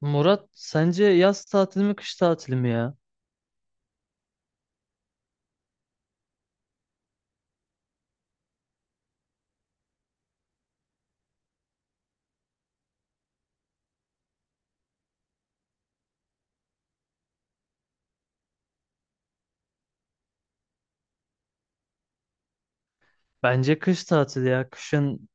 Murat sence yaz tatili mi kış tatili mi ya? Bence kış tatili ya. Kışın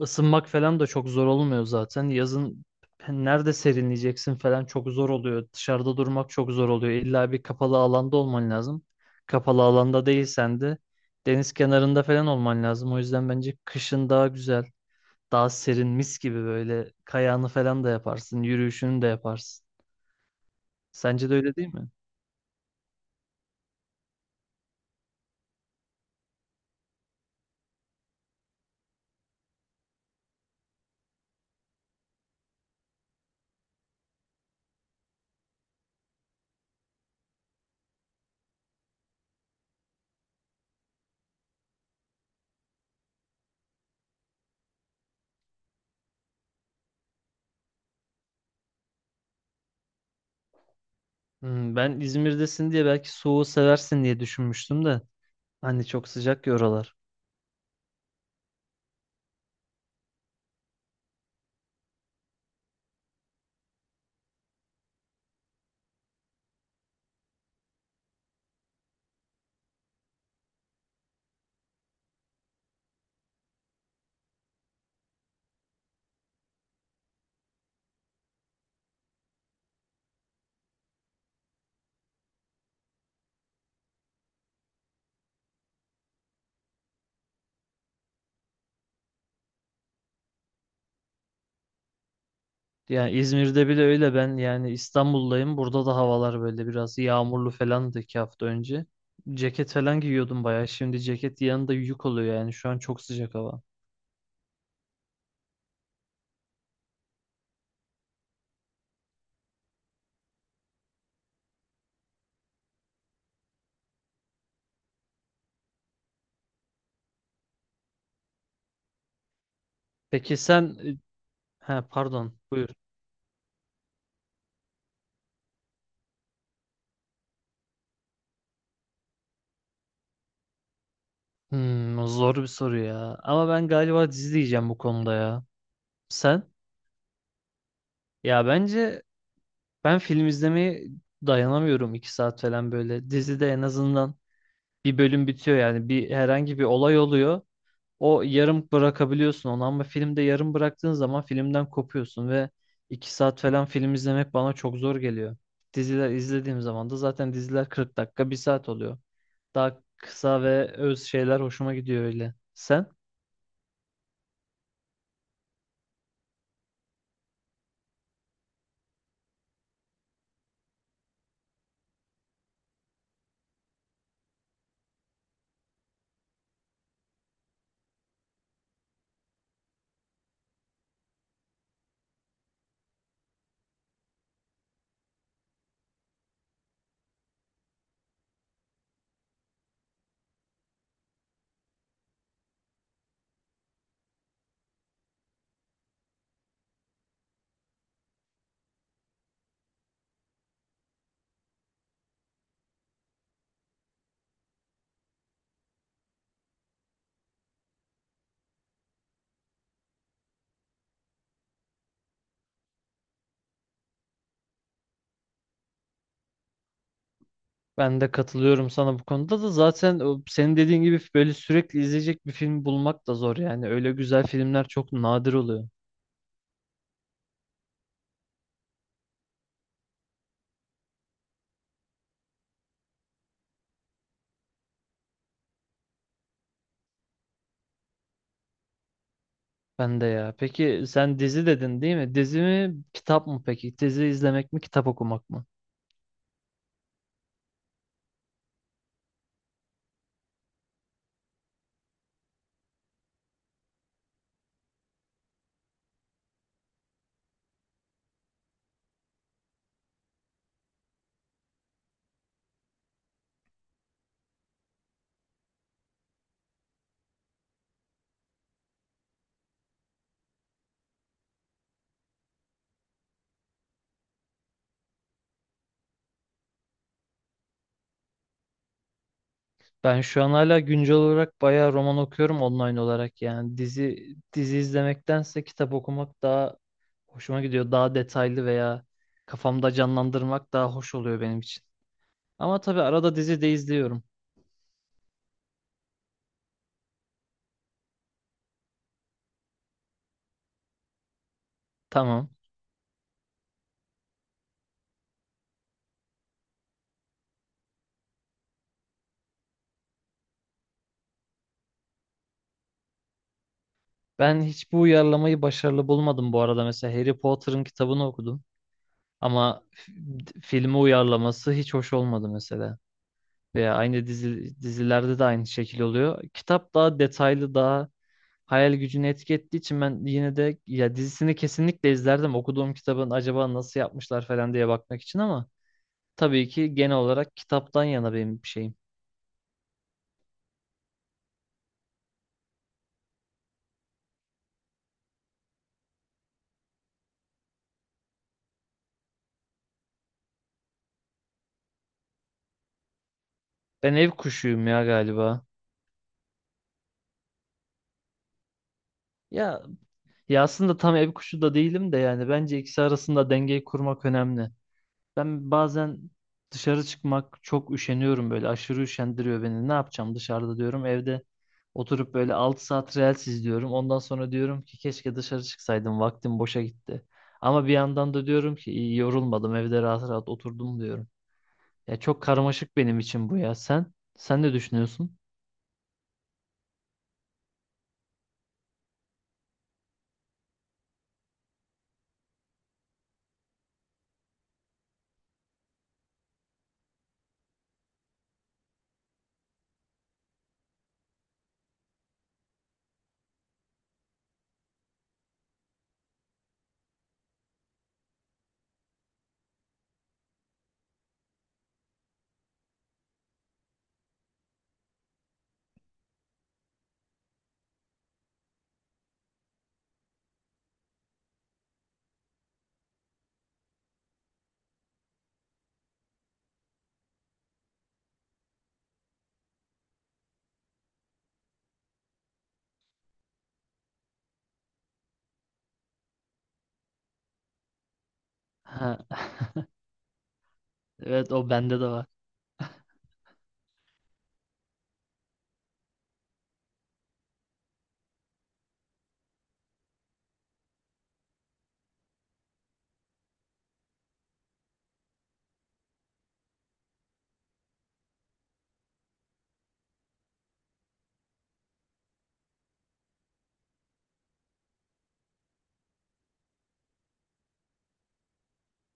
ısınmak falan da çok zor olmuyor zaten. Yazın nerede serinleyeceksin falan çok zor oluyor. Dışarıda durmak çok zor oluyor. İlla bir kapalı alanda olman lazım. Kapalı alanda değilsen de deniz kenarında falan olman lazım. O yüzden bence kışın daha güzel, daha serin, mis gibi böyle kayağını falan da yaparsın, yürüyüşünü de yaparsın. Sence de öyle değil mi? Hmm, ben İzmir'desin diye belki soğuğu seversin diye düşünmüştüm de. Hani çok sıcak ya oralar. Yani İzmir'de bile öyle, ben yani İstanbul'dayım. Burada da havalar böyle biraz yağmurlu falandı iki hafta önce. Ceket falan giyiyordum bayağı. Şimdi ceket yanında yük oluyor yani. Şu an çok sıcak hava. Peki sen... ha pardon, buyur. Hmm, o zor bir soru ya. Ama ben galiba dizi diyeceğim bu konuda ya. Sen? Ya bence ben film izlemeye dayanamıyorum iki saat falan böyle. Dizide en azından bir bölüm bitiyor, yani bir herhangi bir olay oluyor. O, yarım bırakabiliyorsun onu, ama filmde yarım bıraktığın zaman filmden kopuyorsun ve iki saat falan film izlemek bana çok zor geliyor. Diziler izlediğim zaman da zaten diziler 40 dakika bir saat oluyor. Daha kısa ve öz şeyler hoşuma gidiyor öyle. Sen? Ben de katılıyorum sana bu konuda da, zaten o senin dediğin gibi böyle sürekli izleyecek bir film bulmak da zor yani. Öyle güzel filmler çok nadir oluyor. Ben de ya. Peki sen dizi dedin değil mi? Dizi mi, kitap mı peki? Dizi izlemek mi, kitap okumak mı? Ben şu an hala güncel olarak bayağı roman okuyorum, online olarak yani. Dizi izlemektense kitap okumak daha hoşuma gidiyor. Daha detaylı veya kafamda canlandırmak daha hoş oluyor benim için. Ama tabii arada dizi de izliyorum. Tamam. Ben hiç bu uyarlamayı başarılı bulmadım bu arada. Mesela Harry Potter'ın kitabını okudum. Ama filmi uyarlaması hiç hoş olmadı mesela. Veya aynı dizi, dizilerde de aynı şekil oluyor. Kitap daha detaylı, daha hayal gücünü etki ettiği için ben yine de ya dizisini kesinlikle izlerdim. Okuduğum kitabın acaba nasıl yapmışlar falan diye bakmak için, ama tabii ki genel olarak kitaptan yana benim bir şeyim. Ben ev kuşuyum ya galiba. Ya ya aslında tam ev kuşu da değilim de, yani bence ikisi arasında dengeyi kurmak önemli. Ben bazen dışarı çıkmak çok üşeniyorum, böyle aşırı üşendiriyor beni. Ne yapacağım dışarıda diyorum. Evde oturup böyle 6 saat Reels izliyorum. Ondan sonra diyorum ki keşke dışarı çıksaydım. Vaktim boşa gitti. Ama bir yandan da diyorum ki iyi, yorulmadım. Evde rahat rahat oturdum diyorum. Ya çok karmaşık benim için bu ya. Sen ne düşünüyorsun? Ha, evet, o bende de var.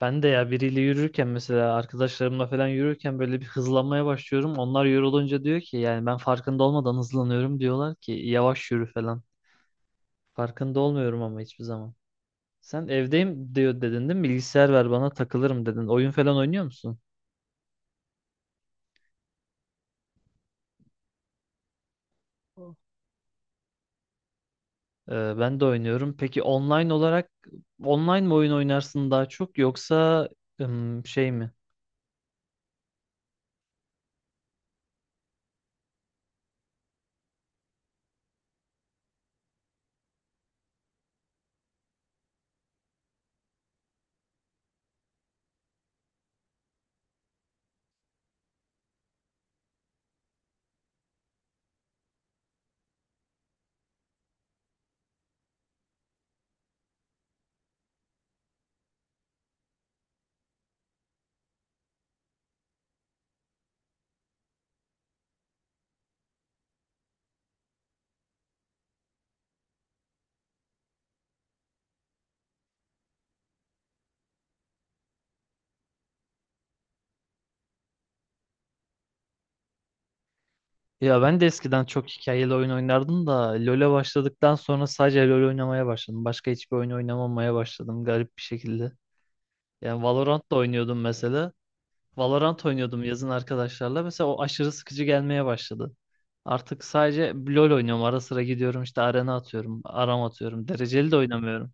Ben de ya, biriyle yürürken mesela arkadaşlarımla falan yürürken böyle bir hızlanmaya başlıyorum. Onlar yorulunca diyor ki, yani ben farkında olmadan hızlanıyorum, diyorlar ki yavaş yürü falan. Farkında olmuyorum ama hiçbir zaman. Sen evdeyim diyor dedin değil mi? Bilgisayar ver bana takılırım dedin. Oyun falan oynuyor musun? Ben de oynuyorum. Peki online olarak, online mi oyun oynarsın daha çok, yoksa şey mi? Ya ben de eskiden çok hikayeli oyun oynardım da LoL'e başladıktan sonra sadece LoL oynamaya başladım. Başka hiçbir oyun oynamamaya başladım garip bir şekilde. Yani Valorant da oynuyordum mesela. Valorant oynuyordum yazın arkadaşlarla. Mesela o aşırı sıkıcı gelmeye başladı. Artık sadece LoL oynuyorum. Ara sıra gidiyorum işte arena atıyorum, aram atıyorum. Dereceli de oynamıyorum.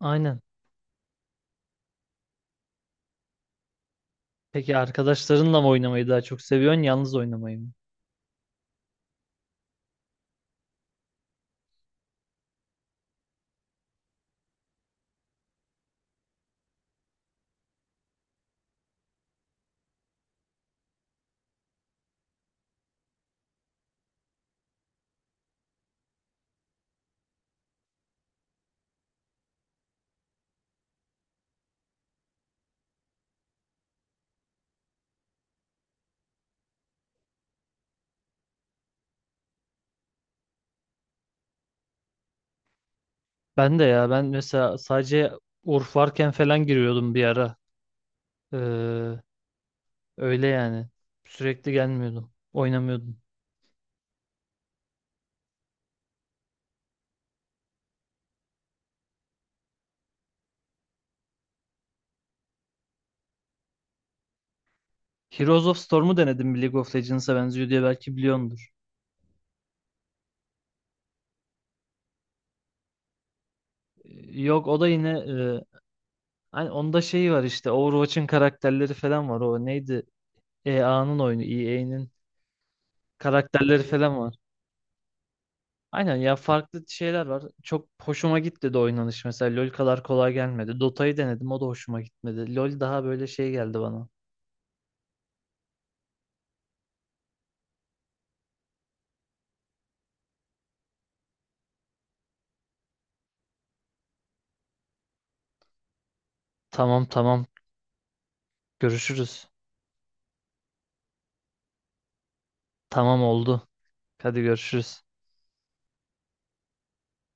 Aynen. Peki arkadaşlarınla mı oynamayı daha çok seviyorsun, yalnız oynamayı mı? Ben de ya, ben mesela sadece Urf varken falan giriyordum bir ara. Ee, Öyle yani. Sürekli gelmiyordum. Oynamıyordum. Heroes of Storm'u denedim, bir League of Legends'a benziyor diye, belki biliyordur. Yok, o da yine e, hani onda şeyi var, işte Overwatch'ın karakterleri falan var. O neydi? EA'nın oyunu, EA'nin karakterleri falan var. Aynen ya, farklı şeyler var. Çok hoşuma gitti de oynanış mesela. LoL kadar kolay gelmedi. Dota'yı denedim, o da hoşuma gitmedi. LoL daha böyle şey geldi bana. Tamam tamam, görüşürüz. Tamam oldu. Hadi görüşürüz.